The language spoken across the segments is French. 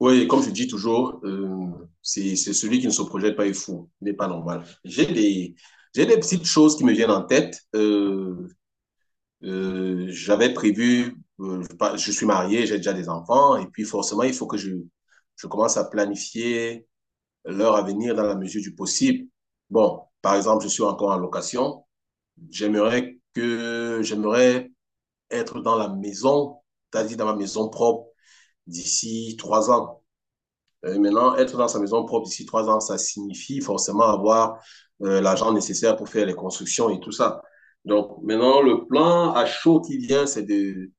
Oui, comme je dis toujours, c'est celui qui ne se projette pas est fou, il n'est pas normal. J'ai des petites choses qui me viennent en tête. J'avais prévu, je pas- je suis marié, j'ai déjà des enfants, et puis forcément, il faut que je commence à planifier leur avenir dans la mesure du possible. Bon, par exemple, je suis encore en location. J'aimerais être dans la maison, c'est-à-dire dans ma maison propre d'ici 3 ans. Maintenant, être dans sa maison propre d'ici trois ans, ça signifie forcément avoir l'argent nécessaire pour faire les constructions et tout ça. Donc maintenant, le plan à chaud qui vient, c'est de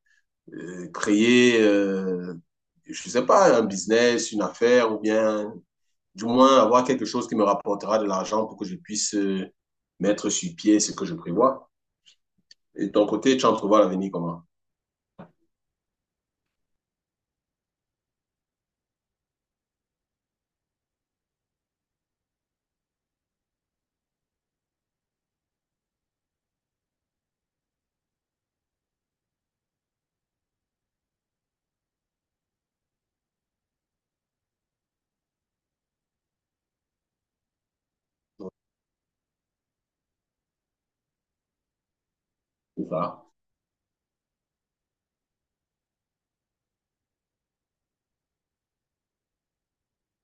créer, je sais pas, un business, une affaire, ou bien du moins avoir quelque chose qui me rapportera de l'argent pour que je puisse mettre sur pied ce que je prévois. Et de ton côté, tu entrevois l'avenir comment? C'est ça.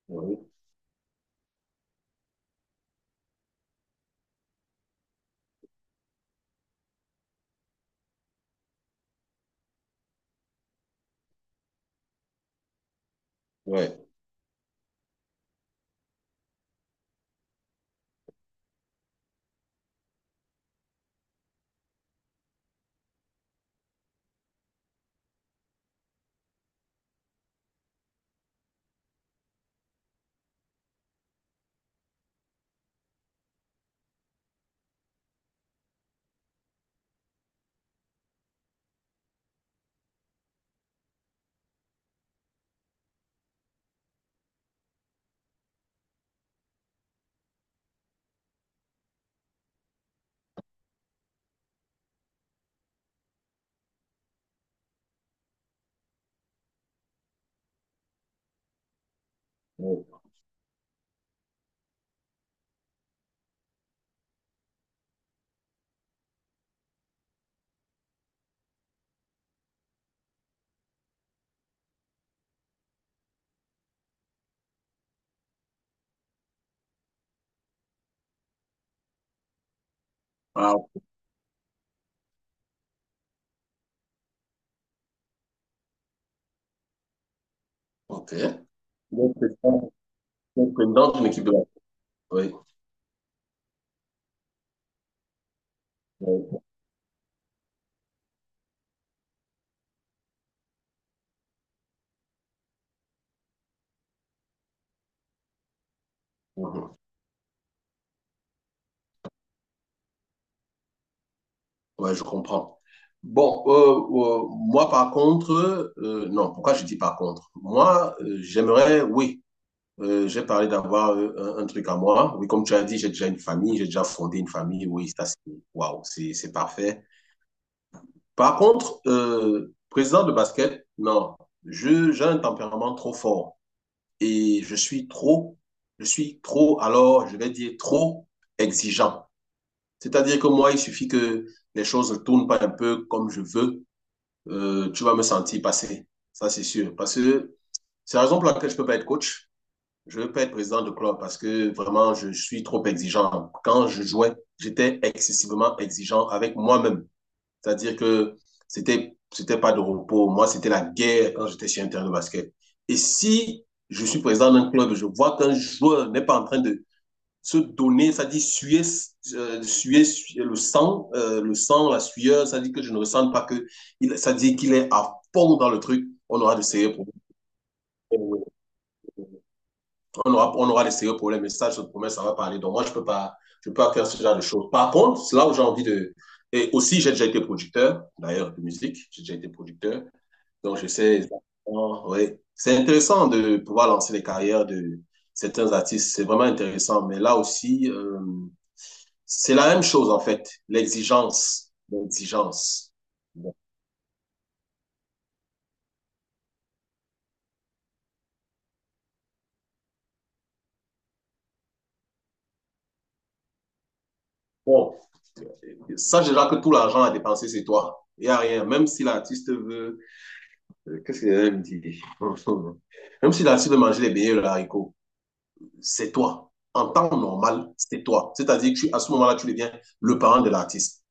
Oui. Ouais. Ouais. Ah, ok. Donc, c'est ça, c'est le président d'une équipe de la... Oui. Ouais. Mhm. Ouais, je comprends. Bon, moi par contre, non, pourquoi je dis par contre? Moi, j'aimerais, oui, j'ai parlé d'avoir un truc à moi. Oui, comme tu as dit, j'ai déjà une famille, j'ai déjà fondé une famille. Waouh, c'est parfait. Par contre, président de basket, non, j'ai un tempérament trop fort et alors je vais dire trop exigeant. C'est-à-dire que moi, il suffit que les choses ne tournent pas un peu comme je veux, tu vas me sentir passer. Ça, c'est sûr. Parce que c'est la raison pour laquelle je ne peux pas être coach. Je ne veux pas être président de club parce que vraiment, je suis trop exigeant. Quand je jouais, j'étais excessivement exigeant avec moi-même. C'est-à-dire que c'était pas de repos. Moi, c'était la guerre quand j'étais sur un terrain de basket. Et si je suis président d'un club, je vois qu'un joueur n'est pas en train de se donner, ça dit suer, suer le sang, la sueur, ça dit que je ne ressens pas que, ça dit qu'il est à fond dans le truc, on aura de sérieux problèmes. On aura de sérieux problèmes, et ça, je te promets, ça va parler. Donc, moi, je peux pas faire ce genre de choses. Par contre, c'est là où j'ai envie de, et aussi, j'ai déjà été producteur, d'ailleurs, de musique, j'ai déjà été producteur. Donc, je sais exactement, oui. C'est intéressant de pouvoir lancer les carrières de certains artistes. C'est vraiment intéressant. Mais là aussi, c'est la même chose, en fait. L'exigence. L'exigence. Bon, sache déjà que tout l'argent à dépenser, c'est toi. Il n'y a rien. Même si l'artiste veut. Qu'est-ce qu'il allait me dire? Même si l'artiste veut manger les beignets et le haricot, c'est toi. En temps normal, c'est toi. À ce moment-là, tu deviens le parent de l'artiste.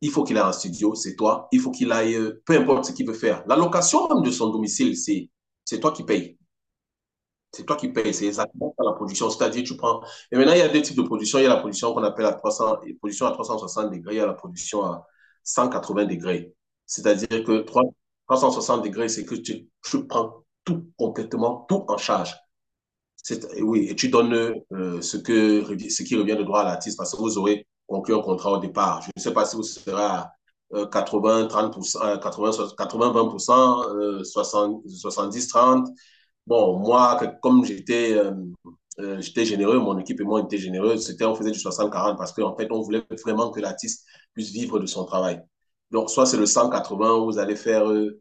Il faut qu'il aille en studio, c'est toi. Il faut qu'il aille, peu importe ce qu'il veut faire. La location même de son domicile, c'est toi qui payes. C'est toi qui payes. C'est exactement la production. C'est-à-dire, tu prends. Et maintenant, il y a deux types de production. Il y a la production qu'on appelle à 300, production à 360 degrés. Il y a la production à 180 degrés. C'est-à-dire que 360 degrés, c'est que tu prends tout complètement, tout en charge oui, et tu donnes ce qui revient de droit à l'artiste parce que vous aurez conclu un contrat au départ. Je ne sais pas si vous serez à 80, 30%, 80 20%, 60, 70, 30. Bon, moi, comme j'étais généreux, mon équipe et moi étaient généreux, on faisait du 60, 40 parce qu'en fait, on voulait vraiment que l'artiste puisse vivre de son travail. Donc, soit c'est le 180 où vous allez faire euh,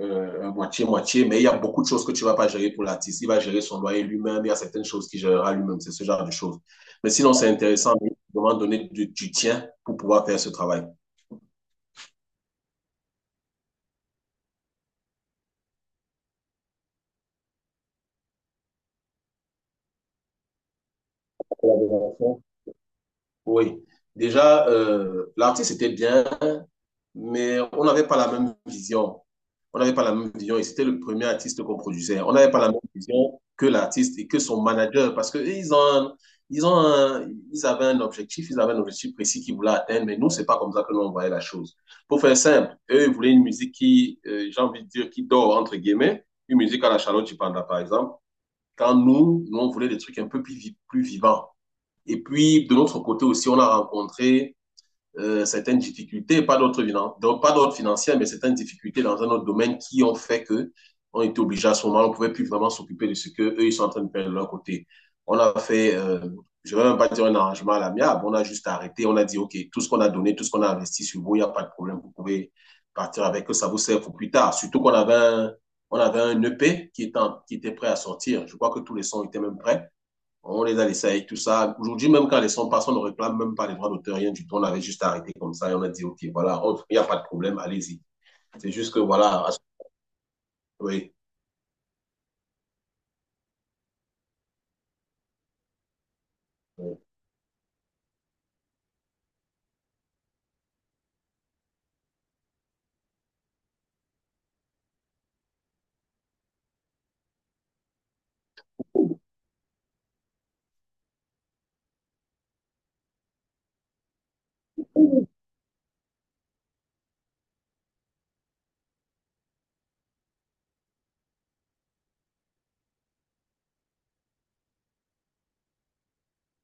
euh, moitié-moitié, mais il y a beaucoup de choses que tu ne vas pas gérer pour l'artiste. Il va gérer son loyer lui-même, il y a certaines choses qu'il gérera lui-même, c'est ce genre de choses. Mais sinon, c'est intéressant, mais il faut donner du tien pour pouvoir faire ce travail. Oui. Déjà, l'artiste était bien, mais on n'avait pas la même vision. On n'avait pas la même vision et c'était le premier artiste qu'on produisait. On n'avait pas la même vision que l'artiste et que son manager parce qu'ils ont, ils ont un- ils avaient un objectif, ils avaient un objectif précis qu'ils voulaient atteindre, mais nous, c'est pas comme ça que nous, on voyait la chose. Pour faire simple, eux, ils voulaient une musique qui, j'ai envie de dire, qui dort, entre guillemets, une musique à la Charlotte Chipanda, par exemple. Quand nous, on voulait des trucs plus vivants. Et puis, de notre côté aussi, on a rencontré certaines difficultés, pas d'autres financières, mais certaines difficultés dans un autre domaine qui ont fait que on était obligé à ce moment, on ne pouvait plus vraiment s'occuper de ce que eux ils sont en train de faire de leur côté. On a fait, je ne vais même pas dire un arrangement à l'amiable, on a juste arrêté, on a dit ok, tout ce qu'on a donné, tout ce qu'on a investi sur vous, il n'y a pas de problème, vous pouvez partir avec eux, ça vous sert pour plus tard. Surtout qu'on avait un, on avait un EP qui était, en, qui était prêt à sortir. Je crois que tous les sons étaient même prêts. On les a laissés avec tout ça. Aujourd'hui, même quand les sons passent, on ne réclame même pas les droits d'auteur, rien du tout. On avait juste arrêté comme ça et on a dit, OK, voilà, il n'y a pas de problème, allez-y. C'est juste que, voilà, oui.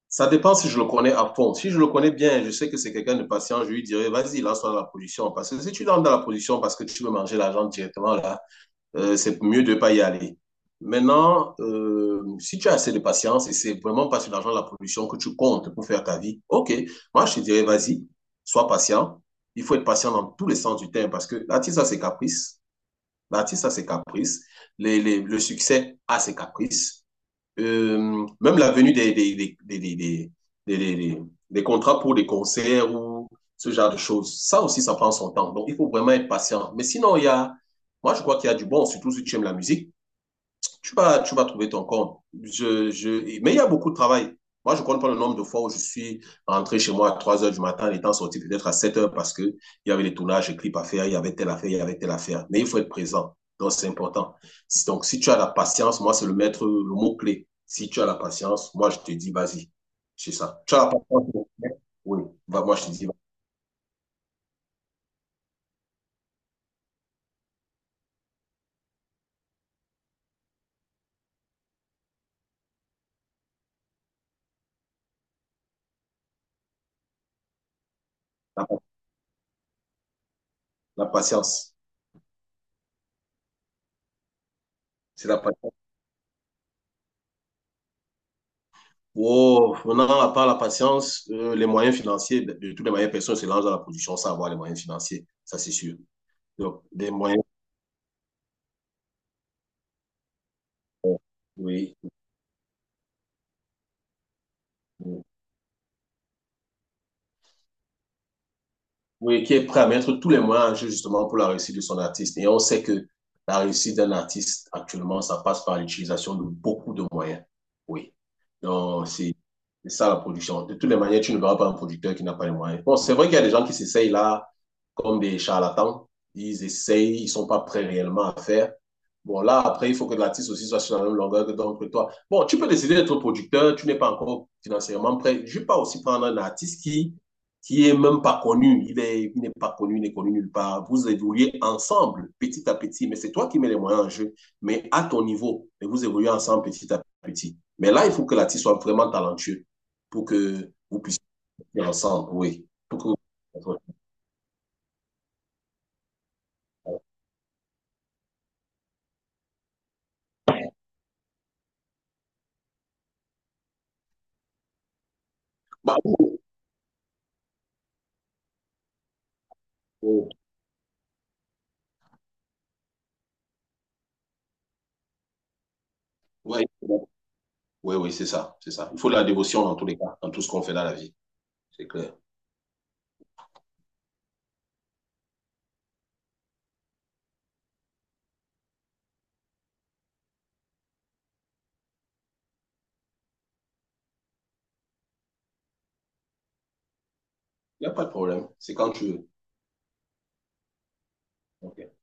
Ça dépend si je le connais à fond. Si je le connais bien, je sais que c'est quelqu'un de patient, je lui dirais, vas-y, lance-toi dans la production. Parce que si tu lances dans la production parce que tu veux manger l'argent directement, là, c'est mieux de ne pas y aller. Maintenant, si tu as assez de patience et c'est vraiment pas sur l'argent de la production que tu comptes pour faire ta vie, ok, moi je te dirais, vas-y, sois patient. Il faut être patient dans tous les sens du terme parce que l'artiste a ses caprices, l'artiste a ses caprices, le succès a ses caprices. Même la venue des- des- des- des contrats pour des concerts ou ce genre de choses, ça aussi, ça prend son temps. Donc, il faut vraiment être patient. Mais sinon, moi, je crois qu'il y a du bon, surtout si tu aimes la musique tu vas trouver ton compte. Mais il y a beaucoup de travail. Moi, je ne compte pas le nombre de fois où je suis rentré chez moi à 3 heures du matin, étant sorti peut-être à 7 heures parce qu'il y avait les tournages, les clips à faire, il y avait telle affaire, il y avait telle affaire. Mais il faut être présent. Donc, c'est important. Si, Donc, si tu as la patience, moi, c'est le maître, le mot-clé. Si tu as la patience, moi, je te dis, vas-y. C'est ça. Tu as la patience. Oui, moi, je te dis, la, la patience. C'est la patience. Wow, maintenant, à part la patience, les moyens financiers, de toutes les manières, personne ne se lance dans la production sans avoir les moyens financiers, ça c'est sûr. Donc, des moyens, oui. Oui, qui est prêt à mettre tous les moyens en jeu justement pour la réussite de son artiste. Et on sait que la réussite d'un artiste actuellement, ça passe par l'utilisation de beaucoup de moyens. Oui. Donc, c'est ça la production. De toutes les manières, tu ne verras pas un producteur qui n'a pas les moyens. Bon, c'est vrai qu'il y a des gens qui s'essayent là comme des charlatans. Ils essayent, ils sont pas prêts réellement à faire. Bon, là, après, il faut que l'artiste aussi soit sur la même longueur que donc, que toi. Bon, tu peux décider d'être producteur, tu n'es pas encore financièrement prêt. Je vais pas aussi prendre un artiste qui est même pas connu, il n'est pas connu, il n'est connu nulle part. Vous évoluez ensemble, petit à petit, mais c'est toi qui mets les moyens en jeu, mais à ton niveau, mais vous évoluez ensemble petit à petit. Mais là, il faut que l'artiste soit vraiment talentueux pour que vous puissiez faire ensemble, oui. Pour que... bah, oui, oui, oui, oui, c'est ça. Il faut de la dévotion dans tous les cas, dans tout ce qu'on fait dans la vie, c'est clair. Il n'y a pas de problème, c'est quand tu veux. Ok.